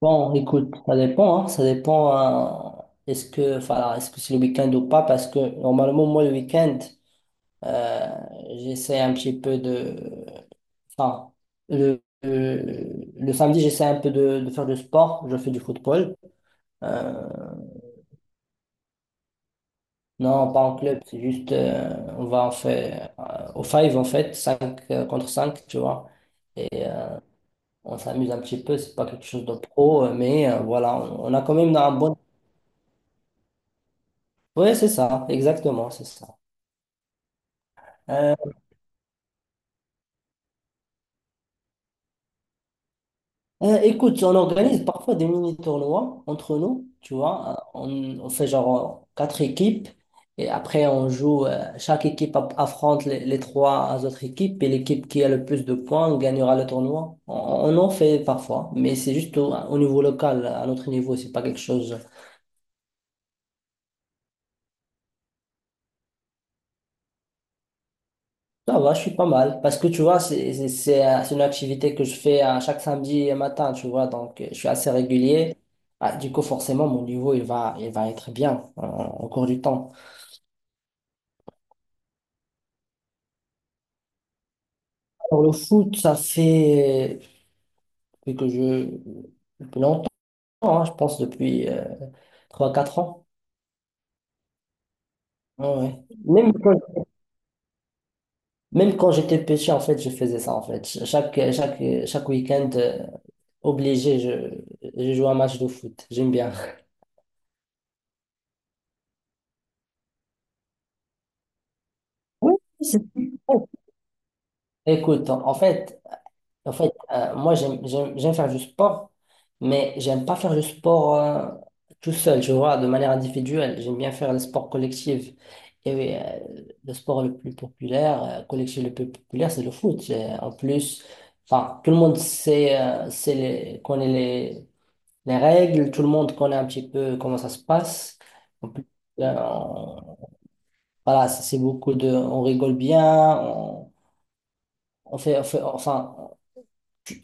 Bon, écoute, ça dépend, hein. Ça dépend, hein, est-ce que, enfin, est-ce que c'est le week-end ou pas, parce que normalement, moi, le week-end, euh, j'essaie un petit peu de, enfin, le samedi, j'essaie un peu de faire du sport, je fais du football. Euh, non, pas en club, c'est juste, on va en faire, au five, en fait, 5 contre cinq, tu vois. Et on s'amuse un petit peu, c'est pas quelque chose de pro, mais voilà, on a quand même un bon. Oui, c'est ça, exactement, c'est ça. Euh, écoute, on organise parfois des mini-tournois entre nous, tu vois. On fait genre quatre équipes et après on joue, chaque équipe affronte les, trois autres équipes et l'équipe qui a le plus de points gagnera le tournoi. On en fait parfois, mais c'est juste au niveau local, à notre niveau, c'est pas quelque chose. Ça va, je suis pas mal. Parce que tu vois, c'est une activité que je fais à chaque samedi matin, tu vois. Donc, je suis assez régulier. Ah, du coup, forcément, mon niveau, il va être bien au cours du temps. Pour le foot, ça fait depuis que je... depuis longtemps, hein, je pense depuis trois quatre ans. Ouais, ouais. Même quand j'étais petit, en fait, je faisais ça, en fait. Chaque week-end, obligé, je joue un match de foot. J'aime bien. Oui, c'est écoute, en en fait moi, j'aime faire du sport, mais j'aime pas faire du sport tout seul, je vois, de manière individuelle. J'aime bien faire le sport collectif. Et oui, le sport le plus populaire, collectif le plus populaire, c'est le foot. Et en plus, enfin, tout le monde sait, sait les, connaît les règles, tout le monde connaît un petit peu comment ça se passe. En plus, euh, on- voilà, c'est beaucoup de... On rigole bien, on fait, enfin,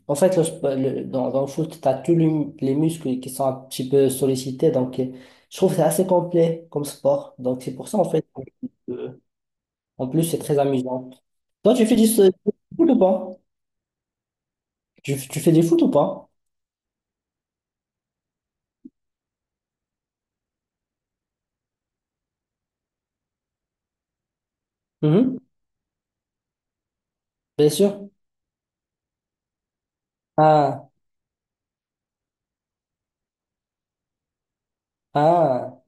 en fait, le dans le foot, tu as tous les muscles qui sont un petit peu sollicités. Donc, je trouve que c'est assez complet comme sport. Donc, c'est pour ça, en fait, euh, en plus, c'est très amusant. Toi, tu fais du foot ou pas? Tu fais du foot ou pas? Mhm. Bien sûr. Ah, ah.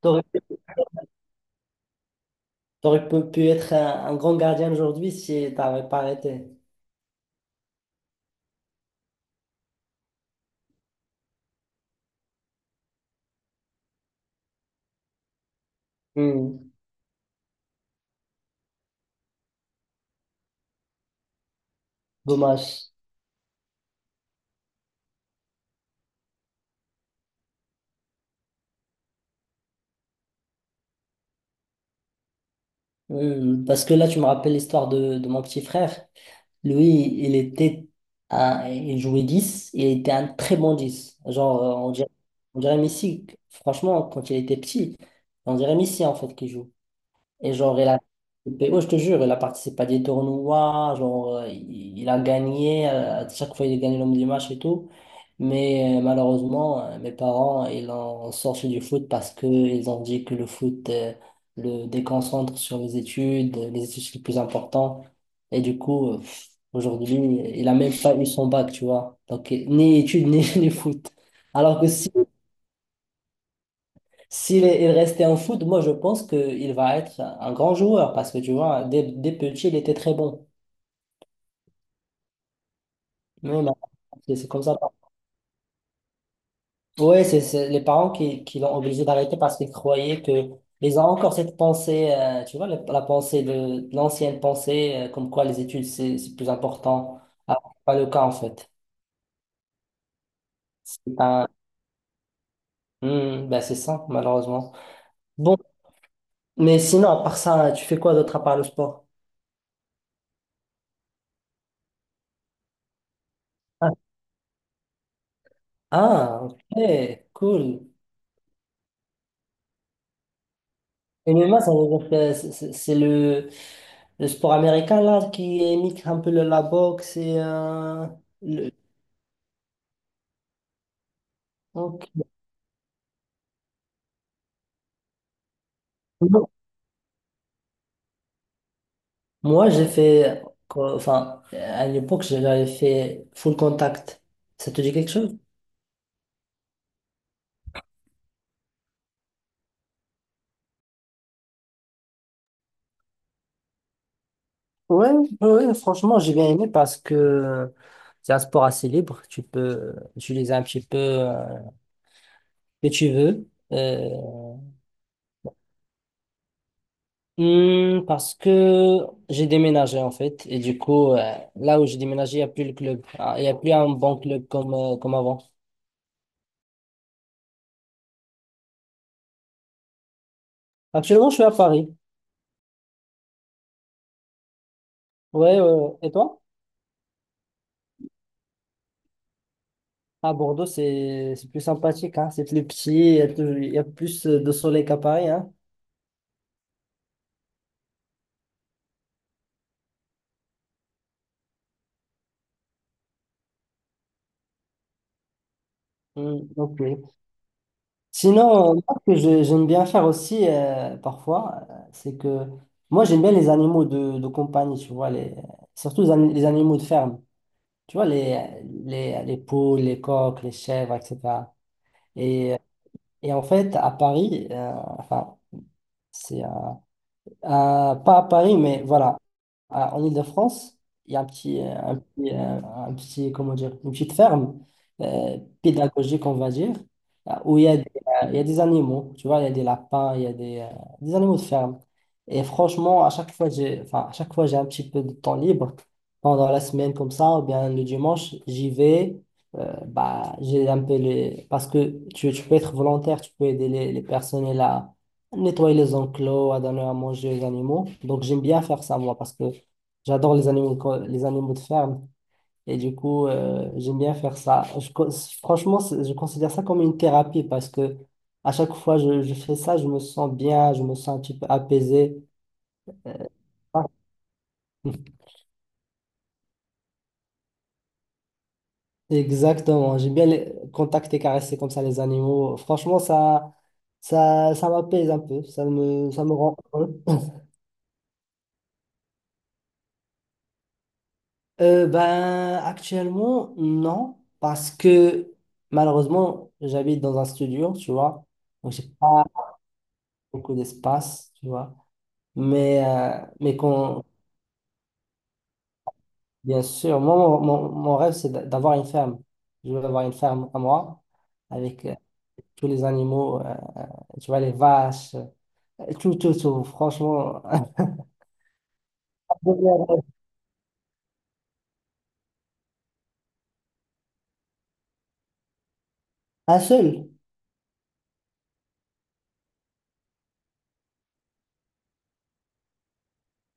T'aurais, t'aurais pu être un grand gardien aujourd'hui si t'avais pas arrêté. Hmm. Dommage. Hmm. Parce que là, tu me rappelles l'histoire de mon petit frère. Lui, il était il jouait 10, et il était un très bon 10. Genre, on dirait Messi, franchement, quand il était petit, on dirait Messi en fait qui joue. Et genre, il a participé, ouais, je te jure, il a participé à des tournois, genre, il a gagné, à chaque fois il a gagné l'homme du match et tout. Mais malheureusement, mes parents, ils ont sorti du foot parce qu'ils ont dit que le foot le déconcentre sur les études c'est le plus important. Et du coup, aujourd'hui, il a même pas eu son bac, tu vois. Donc, ni études, ni foot. Alors que si s'il est- il restait en foot, moi je pense qu'il va être un grand joueur parce que tu vois, dès petit, il était très bon. Mais maintenant, c'est comme ça. Ouais, c'est les parents qui, l'ont obligé d'arrêter parce qu'ils croyaient que ils ont encore cette pensée, tu vois, la pensée de l'ancienne pensée, comme quoi les études c'est plus important. Ah, c'est pas le cas en fait. C'est un- Hmm, ben, c'est ça, malheureusement. Bon, mais sinon, à part ça, tu fais quoi d'autre à part le sport? Ah, ah, ok, cool. MMA, ça veut dire que c'est le sport américain là qui imite un peu la boxe le... Ok. Moi, j'ai fait, quoi, enfin, à l'époque, j'avais fait full contact. Ça te dit quelque chose? Ouais, ouais, franchement, j'ai bien aimé parce que c'est un sport assez libre. Tu peux utiliser un petit peu ce que tu veux. Parce que j'ai déménagé en fait et du coup là où j'ai déménagé il n'y a plus le club. Ah, il n'y a plus un bon club comme avant. Actuellement, je suis à Paris. Ouais, ouais, ouais. Et toi? À Bordeaux c'est plus sympathique, hein. C'est plus petit, il y a plus de soleil qu'à Paris, hein. Hmm, ok. Sinon moi, ce que j'aime bien faire aussi parfois c'est que moi j'aime bien les animaux de compagnie, tu vois les... surtout les les animaux de ferme, tu vois, les, les poules, les coqs, les chèvres, etc. Et, et en fait, à Paris, enfin, c'est pas à Paris, mais voilà, en Île-de-France, il y a un petit, comment dire, une petite ferme euh, pédagogique, on va dire, où il y a des animaux, tu vois, il y a des lapins, il y a des animaux de ferme. Et franchement, à chaque fois, j'ai, enfin, à chaque fois, j'ai un petit peu de temps libre pendant la semaine comme ça, ou bien le dimanche, j'y vais. Bah, j'ai un peu les... Parce que tu peux être volontaire, tu peux aider les, personnes là nettoyer les enclos, à donner à manger aux animaux. Donc, j'aime bien faire ça, moi, parce que j'adore les animaux, les animaux de ferme. Et du coup, j'aime bien faire ça. Franchement, je considère ça comme une thérapie parce que à chaque fois je fais ça, je me sens bien, je me sens un petit peu apaisé. Ah, exactement. J'aime bien contacter, caresser comme ça les animaux. Franchement, ça m'apaise un peu. Ça me rend heureux. Ben, actuellement, non, parce que malheureusement, j'habite dans un studio, tu vois, donc j'ai pas beaucoup d'espace, tu vois. Mais, euh, mais quand, bien sûr, moi, mon rêve, c'est d'avoir une ferme. Je veux avoir une ferme à moi, avec tous les animaux, tu vois, les vaches, tout, tout, tout, franchement. Un seul?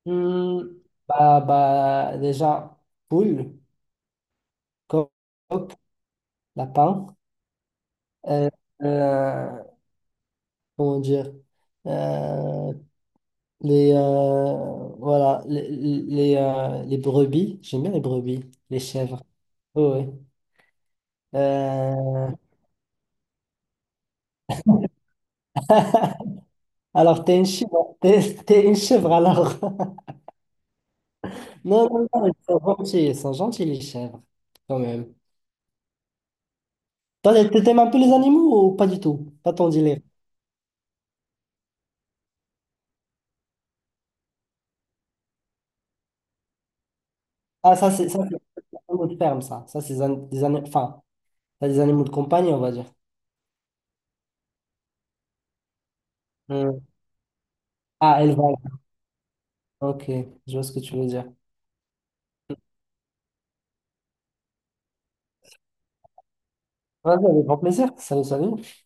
Hmm, bah, déjà, poule, coq, lapin. Euh, euh, comment dire? Euh, voilà, les brebis, j'aime bien les brebis, les chèvres. Oui. Oui. Euh, alors, t'es une chèvre, t'es une chèvre alors. Non, non, non, ils sont gentils les chèvres, quand même. Toi, t'aimes un peu les animaux ou pas du tout? Pas ton délire. Ah, ça, c'est des animaux de ferme, ça. Ça, c'est des, an- des ani- enfin, ça, des animaux de compagnie, on va dire. Hmm. Ah, élevage. Ok, je vois ce que tu veux dire. Vas-y, avec grand plaisir. Salut, salut.